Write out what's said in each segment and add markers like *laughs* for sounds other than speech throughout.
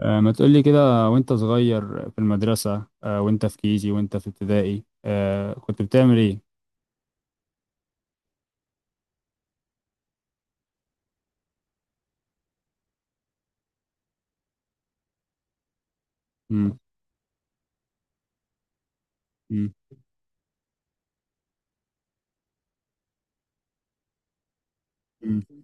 ما تقولي كده وانت صغير في المدرسة، وانت في كيجي وانت في ابتدائي، كنت بتعمل ايه؟ مم. مم، مم.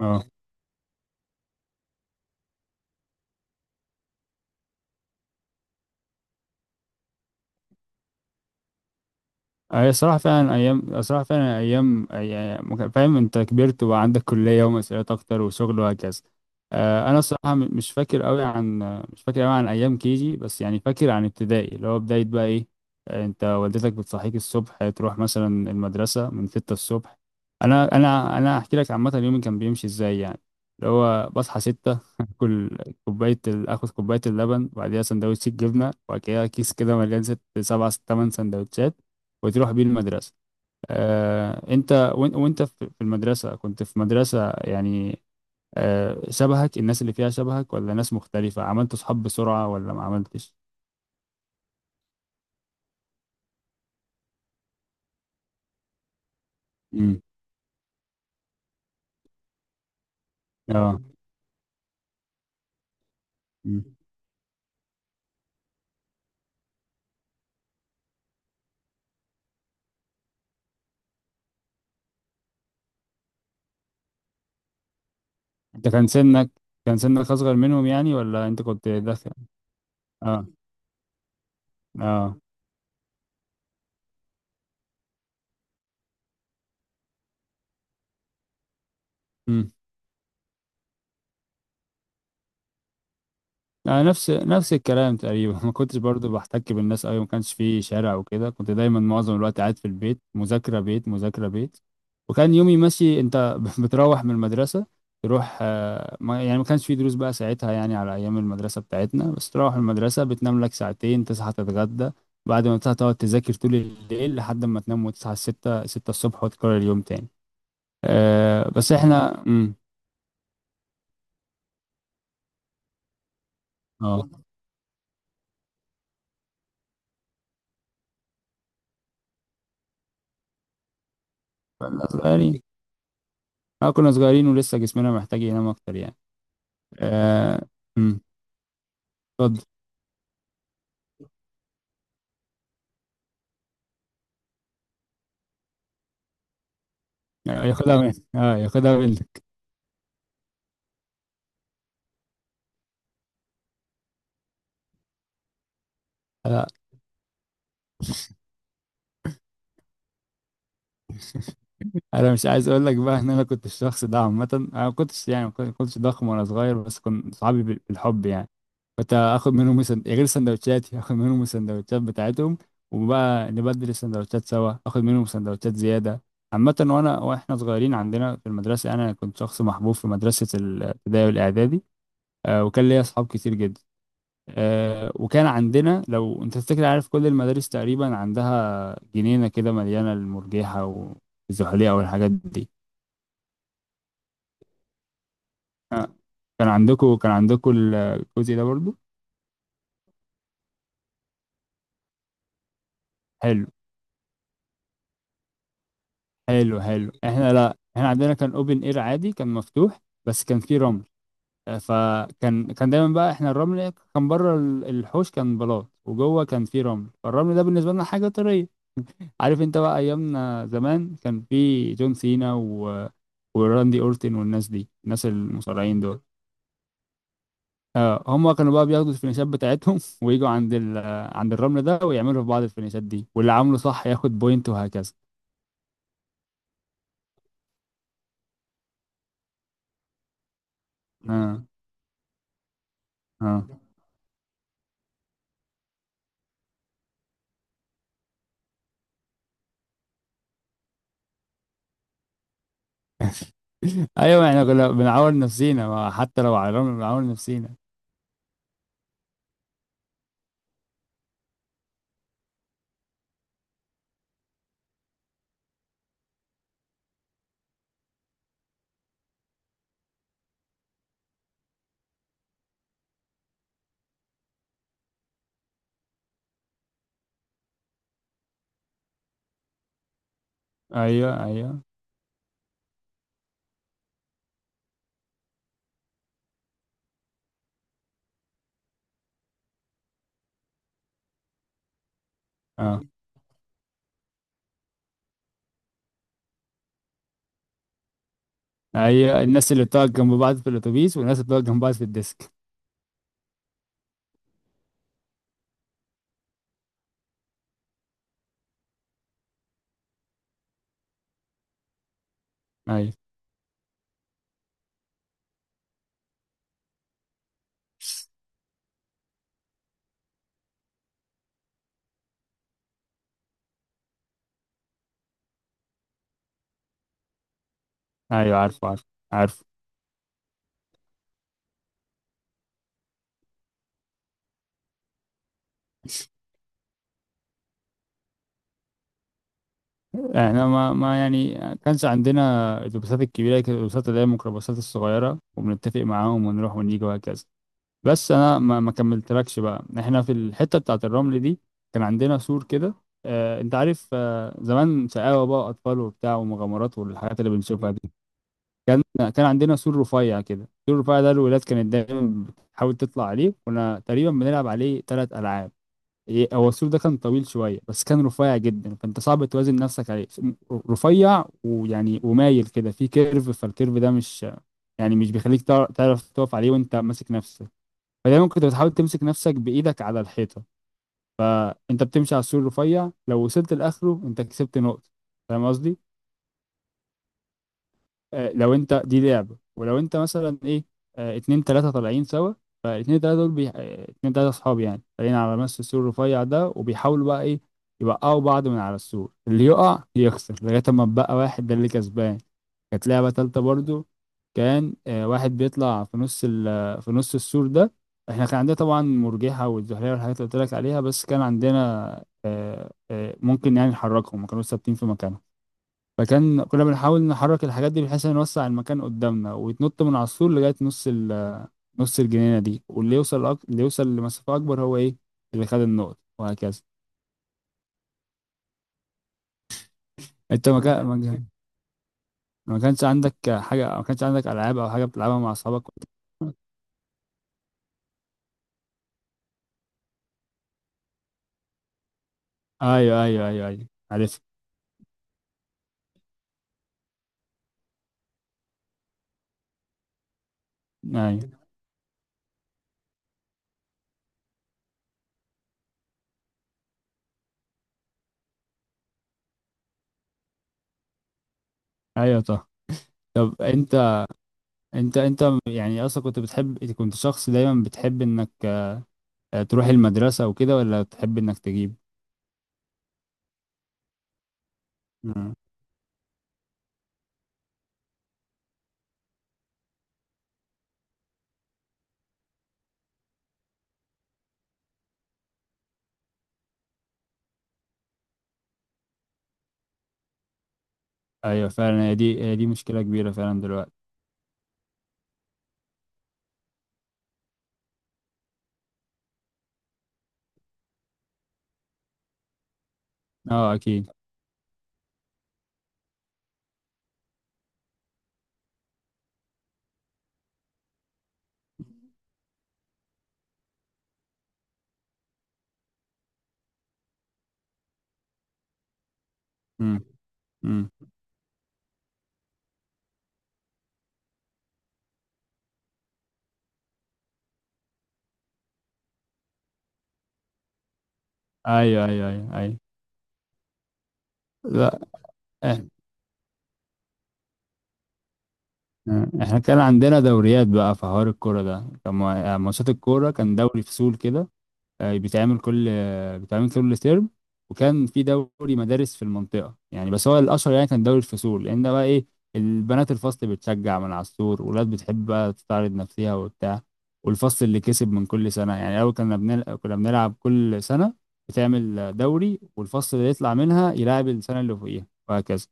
اه. هي صراحة فعلا أيام، صراحة فعلا أيام، يعني فاهم أنت كبرت وبقى عندك كلية ومسؤوليات أكتر وشغل وهكذا. أنا صراحة مش فاكر أوي عن آه، مش فاكر أوي عن أيام كيجي، بس يعني فاكر عن ابتدائي اللي هو بداية بقى إيه. أنت والدتك بتصحيك الصبح تروح مثلا المدرسة من 6 الصبح. أنا هحكي لك عامة يومي كان بيمشي إزاي يعني، اللي هو بصحى 6 *laughs* آكل آخد كوباية اللبن، وبعديها سندوتش الجبنة، وبعد كده كيس كده مليان ست سبع تمن سندوتشات وتروح بيه المدرسة. انت وانت في المدرسة كنت في مدرسة يعني، شبهك الناس اللي فيها شبهك ولا ناس مختلفة؟ عملت صحاب بسرعة ولا ما عملتش؟ امم. اه. مم. انت كان سنك، كان سنك اصغر منهم يعني، ولا انت كنت داخل؟ اه. اه. انا نفس نفس الكلام تقريبا *laughs* ما كنتش برضو بحتك بالناس قوي، ما كانش في شارع وكده، كنت دايما معظم الوقت قاعد في البيت مذاكره بيت مذاكره بيت. وكان يومي ماشي، انت *laughs* بتروح من المدرسه، تروح، ما يعني ما كانش في دروس بقى ساعتها، يعني على ايام المدرسه بتاعتنا، بس تروح المدرسه بتنام لك ساعتين، تصحى تتغدى، بعد ما تصحى تقعد تذاكر طول الليل لحد ما تنام، وتصحى الستة الصبح وتكرر اليوم تاني. أه بس احنا. اه كنا صغيرين. اه كنا صغيرين ولسه جسمنا محتاج ينام اكتر يعني. آه، أمم، اتفضل. آه، ياخدها من اه ياخدها منك. انا انا مش عايز اقول لك بقى ان انا كنت الشخص ده عامه. انا ما كنتش يعني ما كنتش ضخم وانا صغير، بس كنت صحابي بالحب يعني، كنت اخد منهم غير سندوتشاتي اخد منهم السندوتشات بتاعتهم، وبقى نبدل السندوتشات سوا اخد منهم سندوتشات زياده. عامه وانا واحنا صغيرين عندنا في المدرسه، انا كنت شخص محبوب في مدرسه الابتدائي والاعدادي، وكان ليا اصحاب كتير جدا. وكان عندنا، لو انت تفتكر عارف كل المدارس تقريبا عندها جنينة كده مليانة المرجيحة والزحليقة والحاجات دي. آه، كان عندكم الجزء ده برضو؟ حلو. حلو. حلو. احنا، لا، احنا عندنا كان اوبن اير عادي، كان مفتوح، بس كان فيه رمل. فكان دايما بقى احنا الرمل، كان بره الحوش كان بلاط، وجوه كان فيه رمل، فالرمل ده بالنسبة لنا حاجة طرية. عارف انت بقى ايامنا زمان كان في جون سينا وراندي اورتن والناس دي، الناس المصارعين دول. اه. هم كانوا بقى بياخدوا الفينيشات بتاعتهم *laughs* ويجوا عند عند الرمل ده ويعملوا في بعض الفينيشات دي، واللي عامله صح ياخد بوينت وهكذا. اه. اه. *laughs* ايوه يعني كنا بنعور نفسينا، ما حتى لو على الرمل بنعور نفسينا. ايوه. ايوه. اه. ايوه الناس اللي بتقعد جنب بعض في الاتوبيس، والناس اللي بتقعد جنب بعض في الديسك. ايوه. ايوه. عارف. عارف. عارف. احنا ما يعني كانش عندنا الاتوبيسات الكبيره، كانت الاتوبيسات اللي هي الميكروباصات الصغيره، وبنتفق معاهم ونروح ونيجي وهكذا. بس انا ما كملتلكش، بقى احنا في الحته بتاعه الرمل دي كان عندنا سور كده. اه انت عارف، اه زمان شقاوه بقى اطفال وبتاع ومغامرات والحاجات اللي بنشوفها دي. كان كان عندنا سور رفيع كده، السور الرفيع ده الولاد كانت دايما بتحاول تطلع عليه، كنا تقريبا بنلعب عليه 3 العاب. إيه، هو السور ده كان طويل شويه، بس كان رفيع جدا، فانت صعب توازن نفسك عليه. رفيع ويعني ومايل كده، في كيرف، فالكيرف ده مش يعني مش بيخليك تعرف تقف عليه وانت ماسك نفسك، فدايما كنت بتحاول تمسك نفسك بايدك على الحيطه. انت بتمشي على السور الرفيع، لو وصلت لاخره انت كسبت نقطه. فاهم قصدي؟ لو انت دي لعبة، ولو انت مثلا ايه، اتنين تلاتة طالعين سوا، فاتنين تلاتة دول بي... آه، اتنين تلاتة صحاب يعني طالعين على نفس السور الرفيع ده، وبيحاولوا بقى ايه، يوقعوا بعض من على السور، اللي يقع يخسر لغاية ما بقى واحد ده اللي كسبان. كانت لعبة تالتة برضو، كان واحد بيطلع في في نص السور ده. احنا كان عندنا طبعا مرجحة والزحلية والحاجات اللي قلت لك عليها، بس كان عندنا، ممكن يعني نحركهم، ما كانوش ثابتين في مكانهم. فكان كنا بنحاول نحرك الحاجات دي بحيث إن نوسع المكان قدامنا، ويتنط من على السور لغاية نص نص الجنينة دي، واللي يوصل اللي يوصل لمسافة أكبر هو إيه، اللي خد النقط وهكذا. أنت ما كانش عندك حاجة، ما كانش عندك ألعاب أو حاجة بتلعبها مع أصحابك؟ أيوه. أيوه. أيوه. أيوه. عارف. أيوه. أيوه. طه. طب أنت يعني أصلا كنت بتحب، كنت شخص دايما بتحب إنك، تروح المدرسة وكده، ولا تحب إنك تجيب؟ مم. أيوه فعلا، هي دي هي دي مشكلة كبيرة فعلا دلوقتي. آه أكيد. إمم. إمم. أيوه. أيوه. أيوه. أيوه. لأ. إحنا إحنا كان عندنا دوريات بقى في حوار الكورة ده، كان ما ماتشات الكورة كان دوري فصول كده، بيتعمل كل ترم. وكان في دوري مدارس في المنطقة يعني، بس هو الأشهر يعني كان دوري الفصول، لأن ده بقى إيه، البنات الفصل بتشجع من على السور، ولاد بتحب بقى تستعرض نفسها وبتاع، والفصل اللي كسب من كل سنة يعني، أول كنا كنا بنلعب كل سنة، بتعمل دوري، والفصل اللي يطلع منها يلعب السنة اللي فوقيها وهكذا.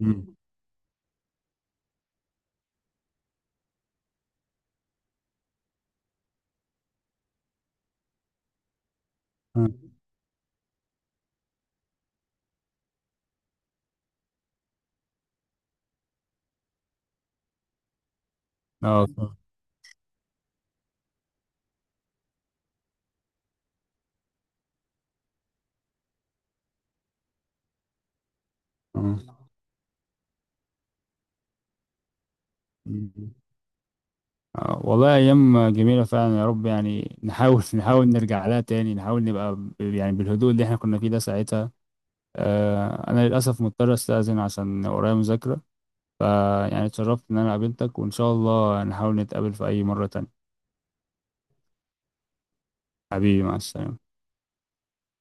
مم. آه. اه آه. آه، والله أيام جميلة فعلا، يا رب يعني نحاول *laughs* نحاول نرجع لها تاني، نحاول نبقى يعني بالهدوء اللي احنا كنا فيه ده ساعتها. أنا للأسف مضطر أستأذن عشان ورايا مذاكرة، فيعني اتشرفت إن أنا قابلتك، وإن شاء الله نحاول نتقابل في أي مرة تانية. حبيبي، مع السلامة.